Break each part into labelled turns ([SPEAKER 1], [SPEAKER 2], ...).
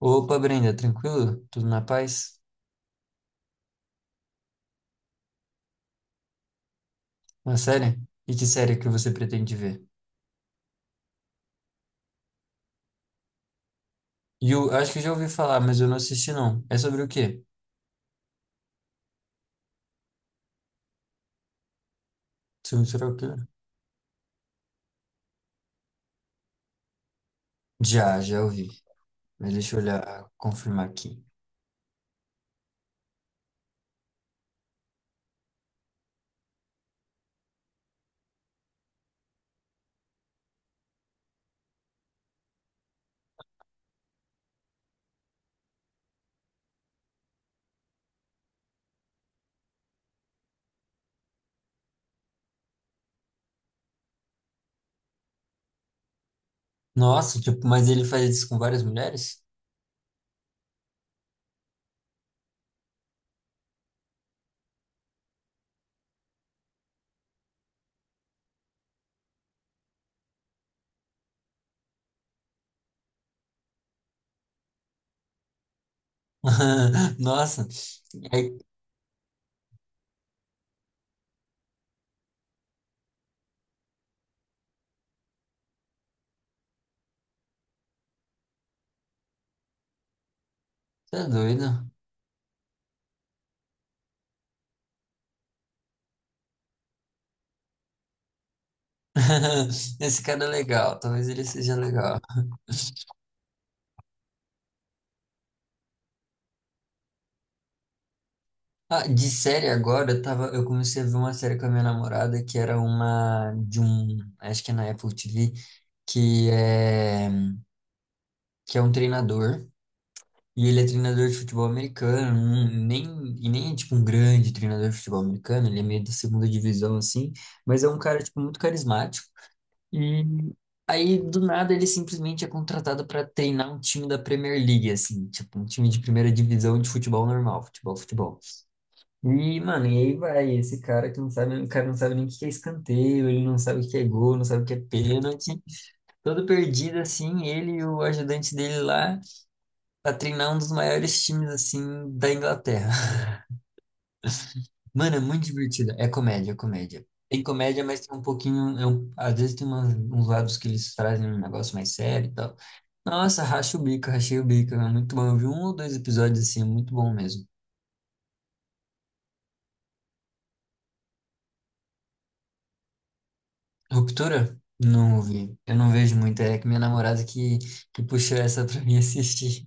[SPEAKER 1] Opa, Brenda, tranquilo? Tudo na paz? Uma série? E que série que você pretende ver? E eu acho que eu já ouvi falar, mas eu não assisti não. É sobre o quê? Sobre o quê? Já ouvi. Mas deixa eu olhar, confirmar aqui. Nossa, tipo, mas ele faz isso com várias mulheres? Nossa, é, tá doido. Esse cara é legal, talvez ele seja legal. Ah, de série agora, eu comecei a ver uma série com a minha namorada que era uma de um, acho que é na Apple TV, que é que é um treinador e ele é treinador de futebol americano, não- nem e nem é tipo um grande treinador de futebol americano, ele é meio da segunda divisão assim, mas é um cara tipo muito carismático. E aí do nada ele simplesmente é contratado para treinar um time da Premier League assim, tipo um time de primeira divisão de futebol normal, futebol. E, mano, e aí vai, esse cara que não sabe, o cara não sabe nem o que é escanteio, ele não sabe o que é gol, não sabe o que é pênalti. Todo perdido, assim, ele e o ajudante dele lá pra treinar um dos maiores times, assim, da Inglaterra. Mano, é muito divertido. É comédia, é comédia. Tem comédia, mas tem um pouquinho, é um- às vezes tem umas- uns lados que eles trazem um negócio mais sério e tal. Nossa, racha o bico, rachei o bico. É muito bom. Eu vi um ou dois episódios, assim, é muito bom mesmo. Ruptura? Não vi. Eu não vejo muito. É que minha namorada que puxou essa pra mim assistir.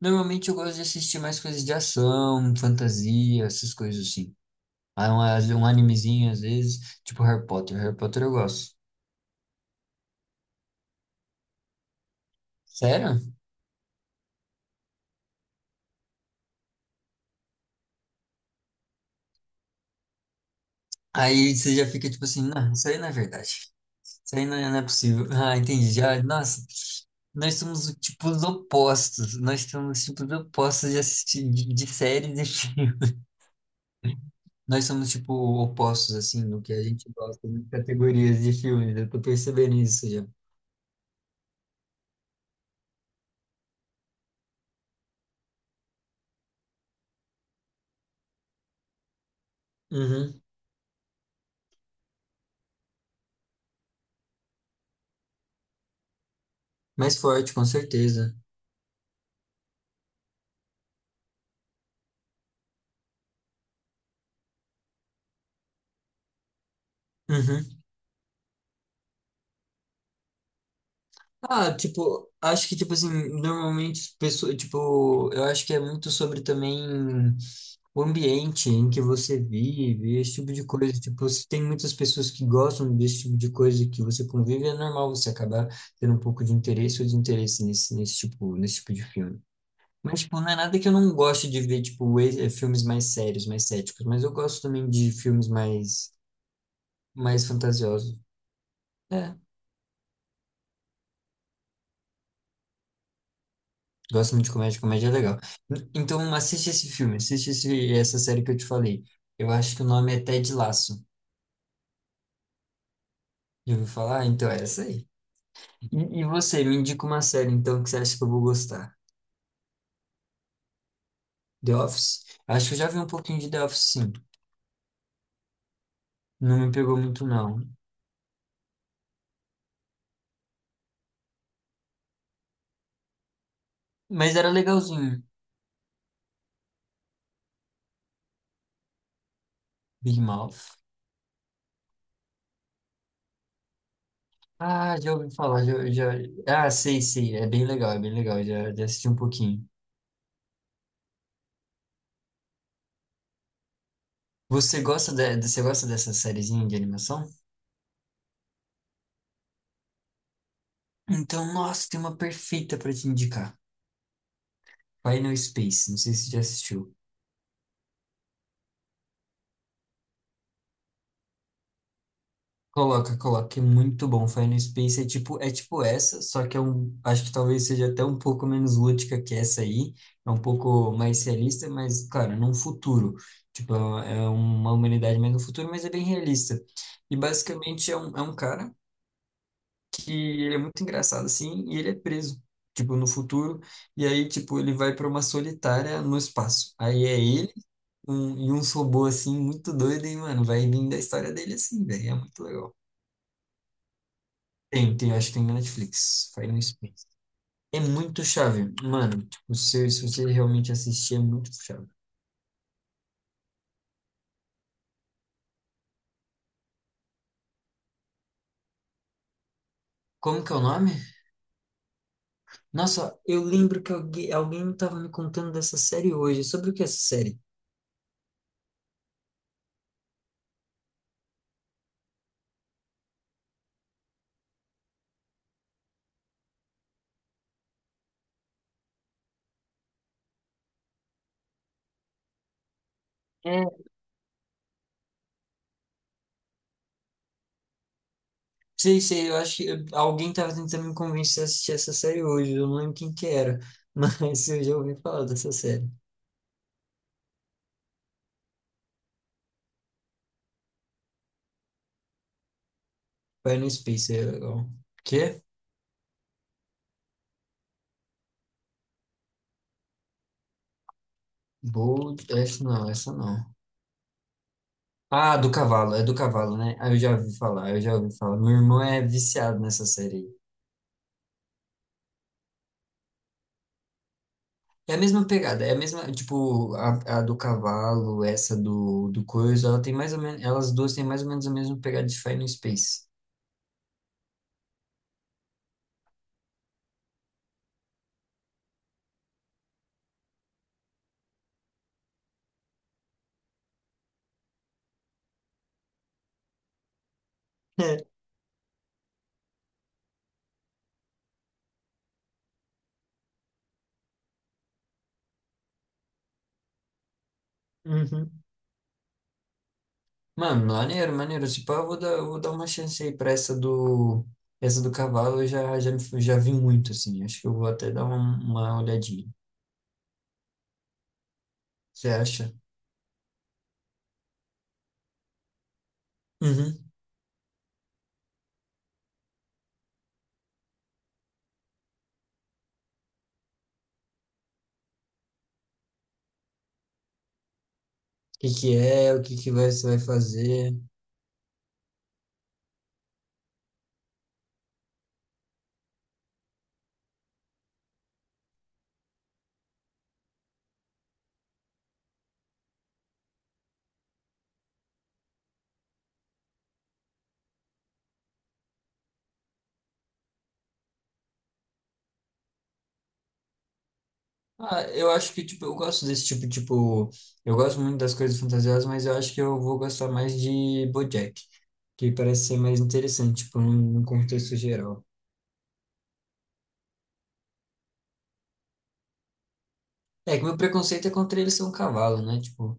[SPEAKER 1] Normalmente eu gosto de assistir mais coisas de ação, fantasia, essas coisas assim. Ah, às vezes um animezinho, às vezes, tipo Harry Potter. Harry Potter eu gosto. Sério? Aí você já fica tipo assim, não, isso aí não é verdade. Isso aí não é possível. Ah, entendi. Já, nossa, nós somos o tipo dos opostos. Nós somos tipo, os tipos opostos de assistir de séries e filmes. Nós somos, tipo, opostos, assim, no que a gente gosta de categorias de filmes. Eu tô percebendo isso já. Uhum. Mais forte, com certeza. Uhum. Ah, tipo, acho que, tipo assim, normalmente, as pessoas, tipo, eu acho que é muito sobre também o ambiente em que você vive, esse tipo de coisa. Tipo, se tem muitas pessoas que gostam desse tipo de coisa que você convive, é normal você acabar tendo um pouco de interesse ou desinteresse nesse nesse tipo de filme. Mas, tipo, não é nada que eu não goste de ver, tipo, filmes mais sérios, mais céticos. Mas eu gosto também de filmes mais fantasiosos. É, gosto muito de comédia, comédia é legal. N- Então, assiste esse filme, essa série que eu te falei. Eu acho que o nome é Ted Lasso. Já ouviu falar? Então, é essa aí. E você, me indica uma série, então, que você acha que eu vou gostar? The Office? Acho que eu já vi um pouquinho de The Office, sim. Não me pegou muito, não. Mas era legalzinho. Big Mouth. Ah, já ouvi falar, Ah, sei, é bem legal, já assisti um pouquinho. Você gosta dessa sériezinha de animação? Então, nossa, tem uma perfeita pra te indicar. Final Space, não sei se você já assistiu. Coloca, é muito bom. Final Space é tipo essa, só que é um, acho que talvez seja até um pouco menos lúdica que essa aí. É um pouco mais realista, mas, cara, num futuro. Tipo, é uma humanidade mais no futuro, mas é bem realista. E basicamente é um cara que ele é muito engraçado assim, e ele é preso, tipo, no futuro, e aí, tipo, ele vai para uma solitária no espaço. Aí é ele um, e uns robôs assim, muito doido, e, mano, vai vindo a história dele assim, velho, é muito legal. Tem, acho que tem na Netflix, Final Space. É muito chave, mano, tipo, se você realmente assistir, é muito chave. Como que é o nome? Nossa, eu lembro que alguém tava me contando dessa série hoje. Sobre o que é essa série? Sei, sei, eu acho que eu- alguém tava tentando me convencer a assistir essa série hoje, eu não lembro quem que era, mas eu já ouvi falar dessa série. Vai no Space, é legal. Quê? Bold, essa não. Ah, do cavalo, é do cavalo, né? Ah, eu já ouvi falar, eu já ouvi falar. Meu irmão é viciado nessa série. Aí. É a mesma pegada, é a mesma, tipo, a do cavalo, essa do coisa, ela tem mais ou menos, elas duas têm mais ou menos a mesma pegada de Final Space. É. Uhum. Mano, maneiro, maneiro. Tipo, ah, eu vou dar uma chance aí pra essa essa do cavalo. Eu já vi muito, assim. Acho que eu vou até dar uma olhadinha. Você acha? Uhum. O que que é? O que que vai, você vai fazer? Ah, eu acho que, tipo, eu gosto desse tipo, tipo... Eu gosto muito das coisas fantasiosas, mas eu acho que eu vou gostar mais de BoJack. Que parece ser mais interessante, tipo, num contexto geral. É que meu preconceito é contra ele ser um cavalo, né? Tipo,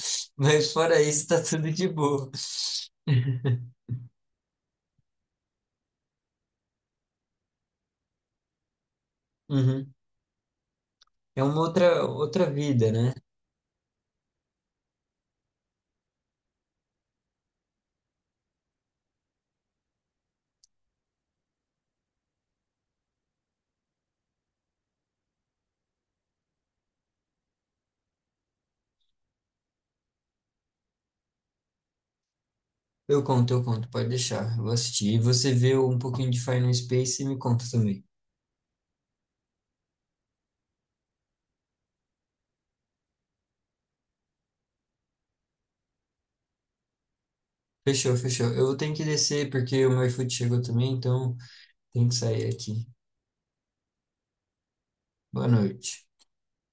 [SPEAKER 1] mas fora isso, tá tudo de boa. Uhum. É uma outra, outra vida, né? Eu conto, pode deixar. Eu vou assistir. E você vê um pouquinho de Final Space e me conta também. Fechou, fechou. Eu tenho que descer porque o meu iFood chegou também, então tenho que sair aqui. Boa noite.